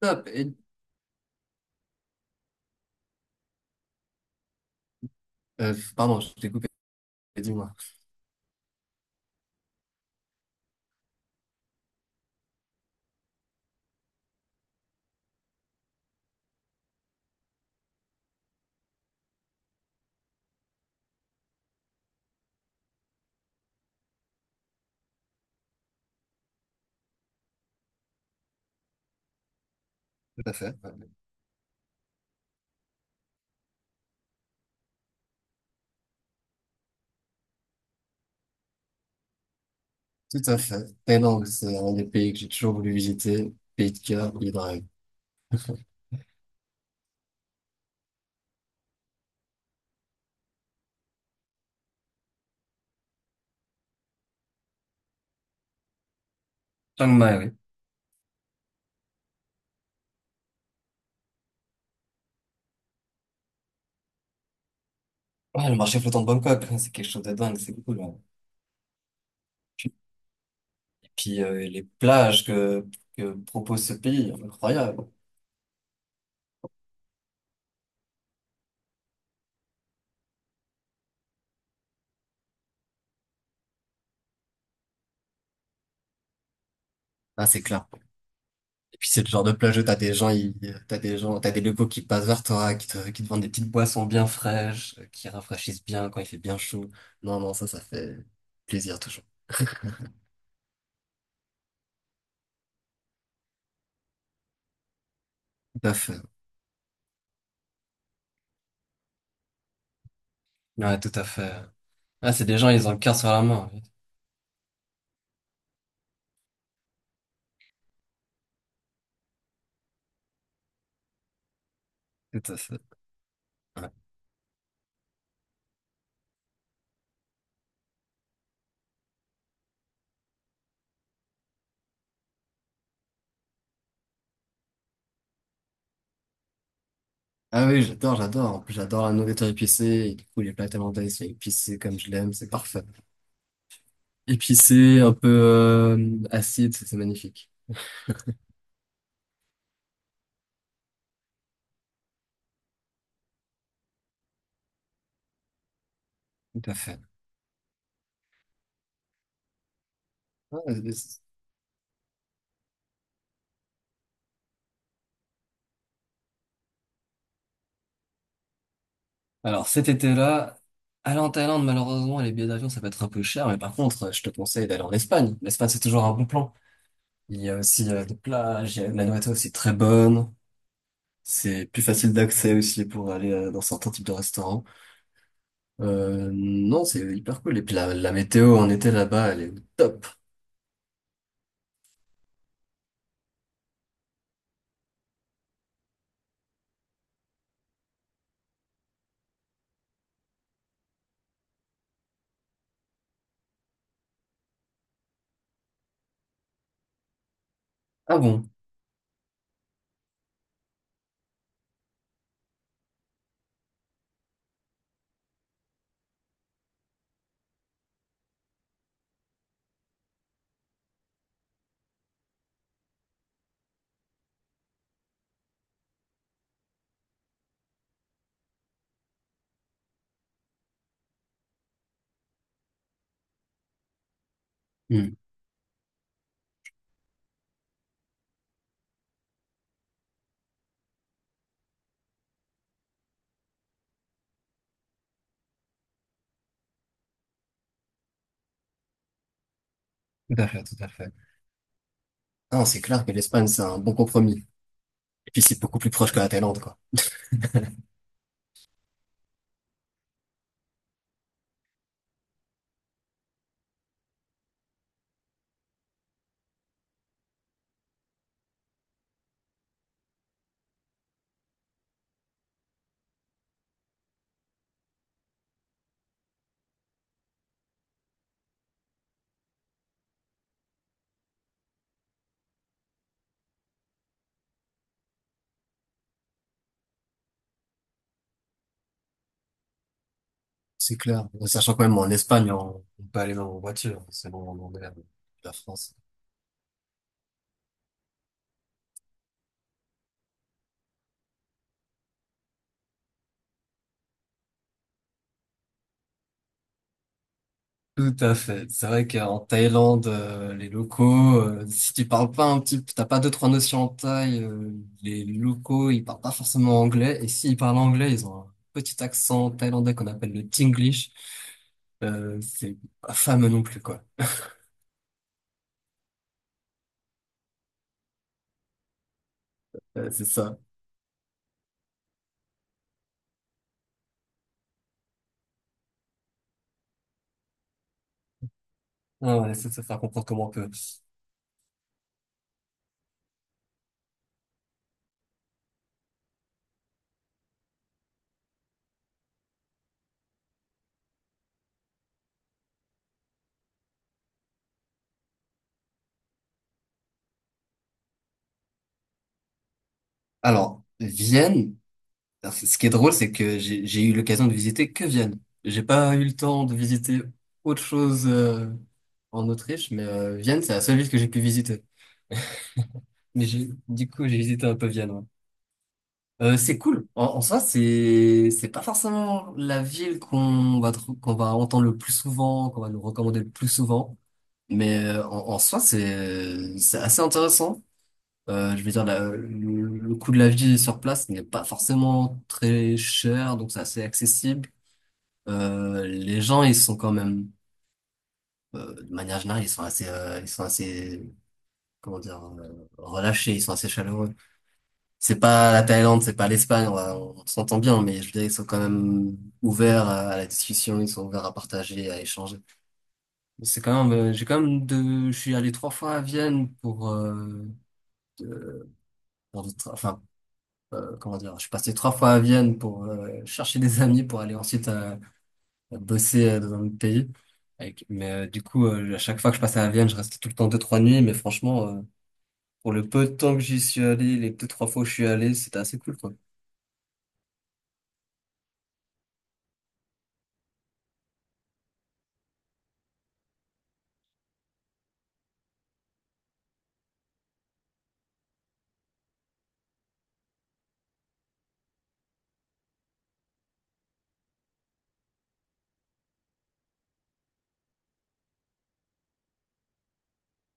Top. Pardon, je t'ai coupé, dis-moi. Tout à fait. Tout à fait. Thaïlande, c'est un des pays que j'ai toujours voulu visiter. Pays de cœur, pays de rêve. Chiang Mai, oui. Ouais, le marché flottant de Bangkok, hein, c'est quelque chose de dingue, c'est cool, hein. Et puis les plages que propose ce pays, incroyable. Ah, c'est clair. Et puis c'est le genre de plage où t'as des gens, t'as des locaux qui passent vers toi, qui te vendent des petites boissons bien fraîches, qui rafraîchissent bien quand il fait bien chaud. Non, non, ça fait plaisir toujours. Tout à fait. Ouais, tout à fait. Ah, c'est des gens, ils ont le cœur sur la main, en fait. Tout à fait. Ouais. Ah oui, j'adore, j'adore. En plus, j'adore la nourriture épicée. Et du coup, les plats thaïlandais, ils sont épicés comme je l'aime. C'est parfait. Épicé, un peu acide, c'est magnifique. Tout à fait. Ouais, c'est- c'est- Alors, cet été-là, aller en Thaïlande, malheureusement, les billets d'avion, ça peut être un peu cher, mais par contre, je te conseille d'aller en Espagne. L'Espagne, c'est toujours un bon plan. Il y a aussi des plages, la nourriture aussi très bonne. C'est plus facile d'accès aussi pour aller dans certains types de restaurants. Non, c'est hyper cool. Et puis la météo en été là-bas, elle est au top. Ah bon? Hmm. Tout à fait, tout à fait. Non, c'est clair que l'Espagne, c'est un bon compromis. Et puis c'est beaucoup plus proche que la Thaïlande, quoi. C'est clair. Sachant quand même, en Espagne, on peut aller en voiture. C'est bon, on est la France. Tout à fait. C'est vrai qu'en Thaïlande, les locaux, si tu parles pas un petit, t'as pas deux trois notions en thaï, les locaux ils parlent pas forcément anglais, et s'ils parlent anglais, ils ont un petit accent thaïlandais qu'on appelle le Tinglish. C'est pas fameux non plus, quoi. C'est ça. Ah ouais, c'est ça, ça comprendre comment on peut. Alors Vienne. Alors, ce qui est drôle, c'est que j'ai eu l'occasion de visiter que Vienne. J'ai pas eu le temps de visiter autre chose en Autriche, mais Vienne, c'est la seule ville que j'ai pu visiter. Du coup, j'ai visité un peu Vienne, ouais. C'est cool. En soi, c'est pas forcément la ville qu'on va entendre le plus souvent, qu'on va nous recommander le plus souvent, mais en soi, c'est assez intéressant. Je veux dire, le coût de la vie sur place n'est pas forcément très cher, donc c'est assez accessible. Les gens, ils sont quand même, de manière générale, ils sont assez, comment dire, relâchés, ils sont assez chaleureux. C'est pas la Thaïlande, c'est pas l'Espagne, on s'entend bien, mais je dirais qu'ils sont quand même ouverts à la discussion, ils sont ouverts à partager, à échanger. C'est quand même, j'ai quand même je suis allé trois fois à Vienne pour, de- enfin, comment dire, je suis passé trois fois à Vienne pour chercher des amis pour aller ensuite à bosser dans un autre pays. Du coup, à chaque fois que je passais à Vienne, je restais tout le temps deux, trois nuits. Mais franchement, pour le peu de temps que j'y suis allé, les deux, trois fois où je suis allé, c'était assez cool, quoi.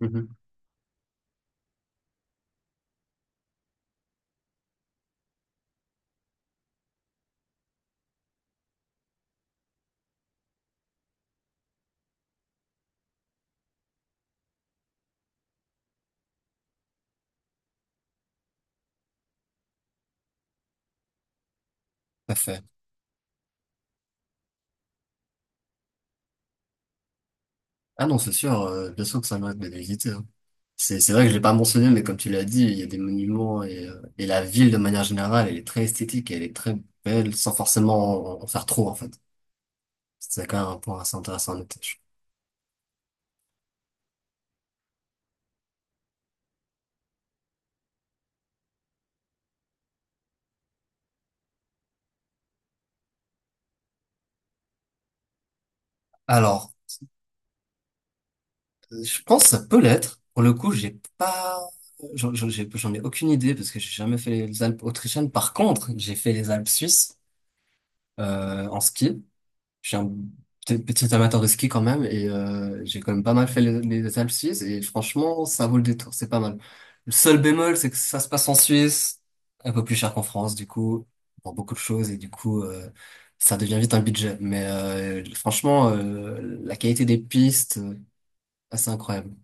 Mhm. Tout à fait. Ah non, c'est sûr, bien sûr que ça mérite d'être visité, hein. C'est vrai que je l'ai pas mentionné, mais comme tu l'as dit, il y a des monuments et et la ville de manière générale, elle est très esthétique et elle est très belle sans forcément en faire trop, en fait. C'est quand même un point assez intéressant à noter. Alors, je pense que ça peut l'être. Pour le coup, j'ai pas, j'en j'en- j'ai- j'en ai aucune idée parce que j'ai jamais fait les Alpes autrichiennes. Par contre, j'ai fait les Alpes suisses en ski. Je suis un petit amateur de ski quand même, et j'ai quand même pas mal fait les Alpes suisses, et franchement, ça vaut le détour. C'est pas mal. Le seul bémol, c'est que ça se passe en Suisse, un peu plus cher qu'en France, du coup, pour beaucoup de choses, et du coup, ça devient vite un budget. Mais franchement, la qualité des pistes, assez incroyable.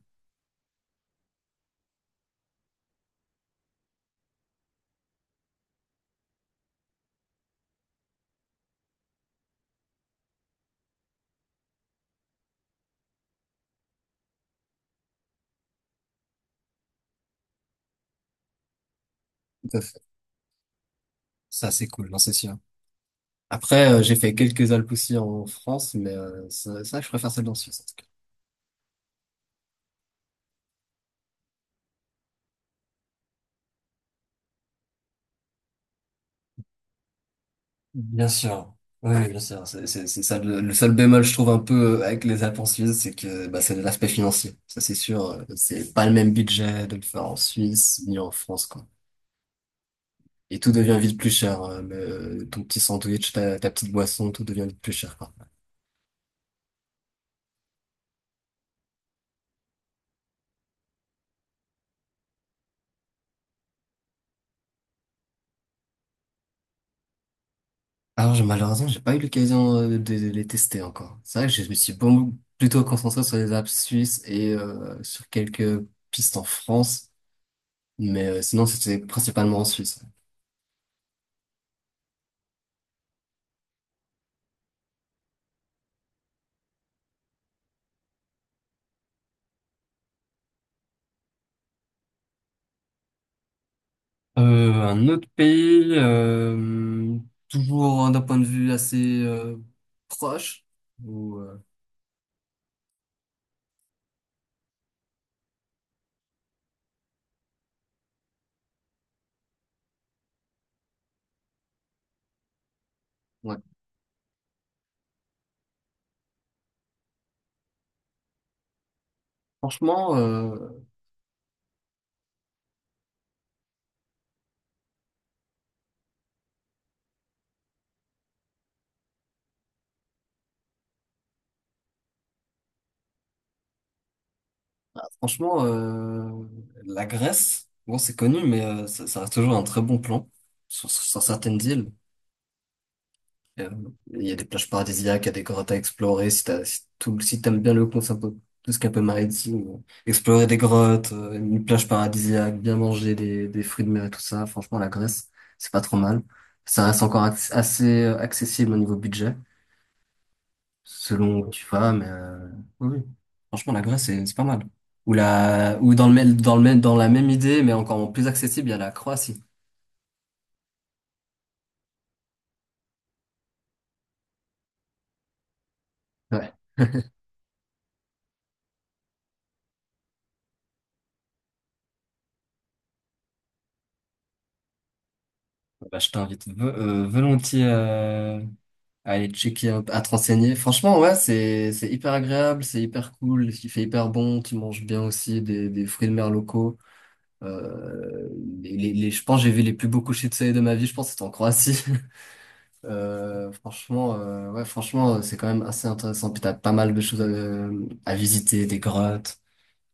Ça, c'est cool, non, c'est sûr. Après, j'ai fait quelques Alpes aussi en France, mais ça, je préfère celle en Suisse, en tout cas. Bien sûr. Oui, oui, bien sûr. C'est ça, le seul bémol, je trouve, un peu avec les Alpes en Suisse, c'est que bah, c'est l'aspect financier. Ça, c'est sûr, c'est pas le même budget de le faire en Suisse ni en France, quoi. Et tout devient vite plus cher, ton petit sandwich, ta petite boisson, tout devient vite plus cher, quoi. Alors, malheureusement, j'ai pas eu l'occasion de les tester encore. C'est vrai que je me suis plutôt concentré sur les apps suisses et sur quelques pistes en France, mais sinon, c'était principalement en Suisse. Un autre pays, toujours d'un point de vue assez proche. Ou, ouais. Franchement, franchement, La Grèce, bon, c'est connu, mais ça reste toujours un très bon plan sur certaines îles. Euh, Il y a des plages paradisiaques, il y a des grottes à explorer. Si t'aimes bien le concept, tout ce qui est un peu maritime, explorer des grottes, une plage paradisiaque, bien manger des fruits de mer et tout ça. Franchement, la Grèce, c'est pas trop mal. Ça reste encore assez accessible au niveau budget, selon où tu vas, mais oui, oui. Franchement, la Grèce, c'est pas mal. Ou la, ou dans le même, dans le même, Dans la même idée, mais encore plus accessible, il y a la Croatie. Ouais. Bah, je t'invite volontiers, à aller checker, un à te renseigner. Franchement, ouais, c'est hyper agréable, c'est hyper cool, il fait hyper bon, tu manges bien aussi des fruits de mer locaux. Euh, je pense que j'ai vu les plus beaux couchers de soleil de ma vie, je pense que c'était en Croatie. C'est quand même assez intéressant. Puis t'as pas mal de choses à visiter, des grottes.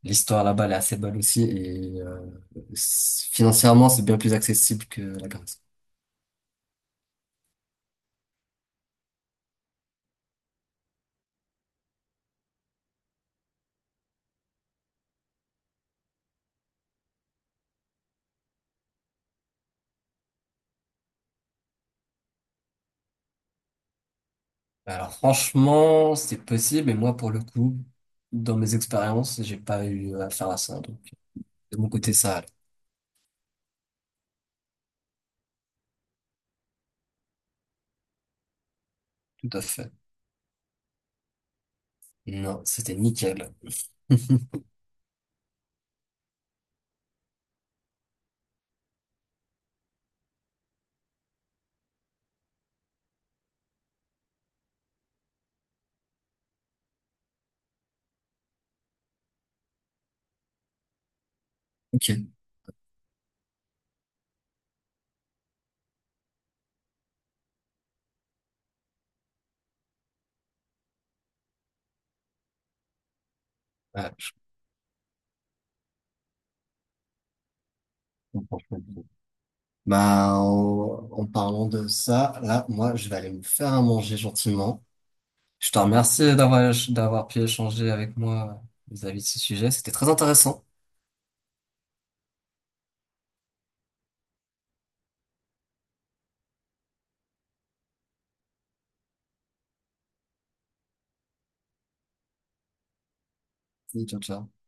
L'histoire là-bas, elle est assez bonne aussi. Et financièrement, c'est bien plus accessible que la Grèce. Alors franchement, c'est possible, mais moi pour le coup, dans mes expériences, j'ai pas eu affaire à ça. Donc de mon côté, ça allait. Tout à fait. Non, c'était nickel. Ok. Ouais, je comprends, je comprends. Bah, en parlant de ça, là, moi, je vais aller me faire à manger gentiment. Je te remercie d'avoir pu échanger avec moi vis-à-vis de ce sujet. C'était très intéressant. Salut, ciao, ciao.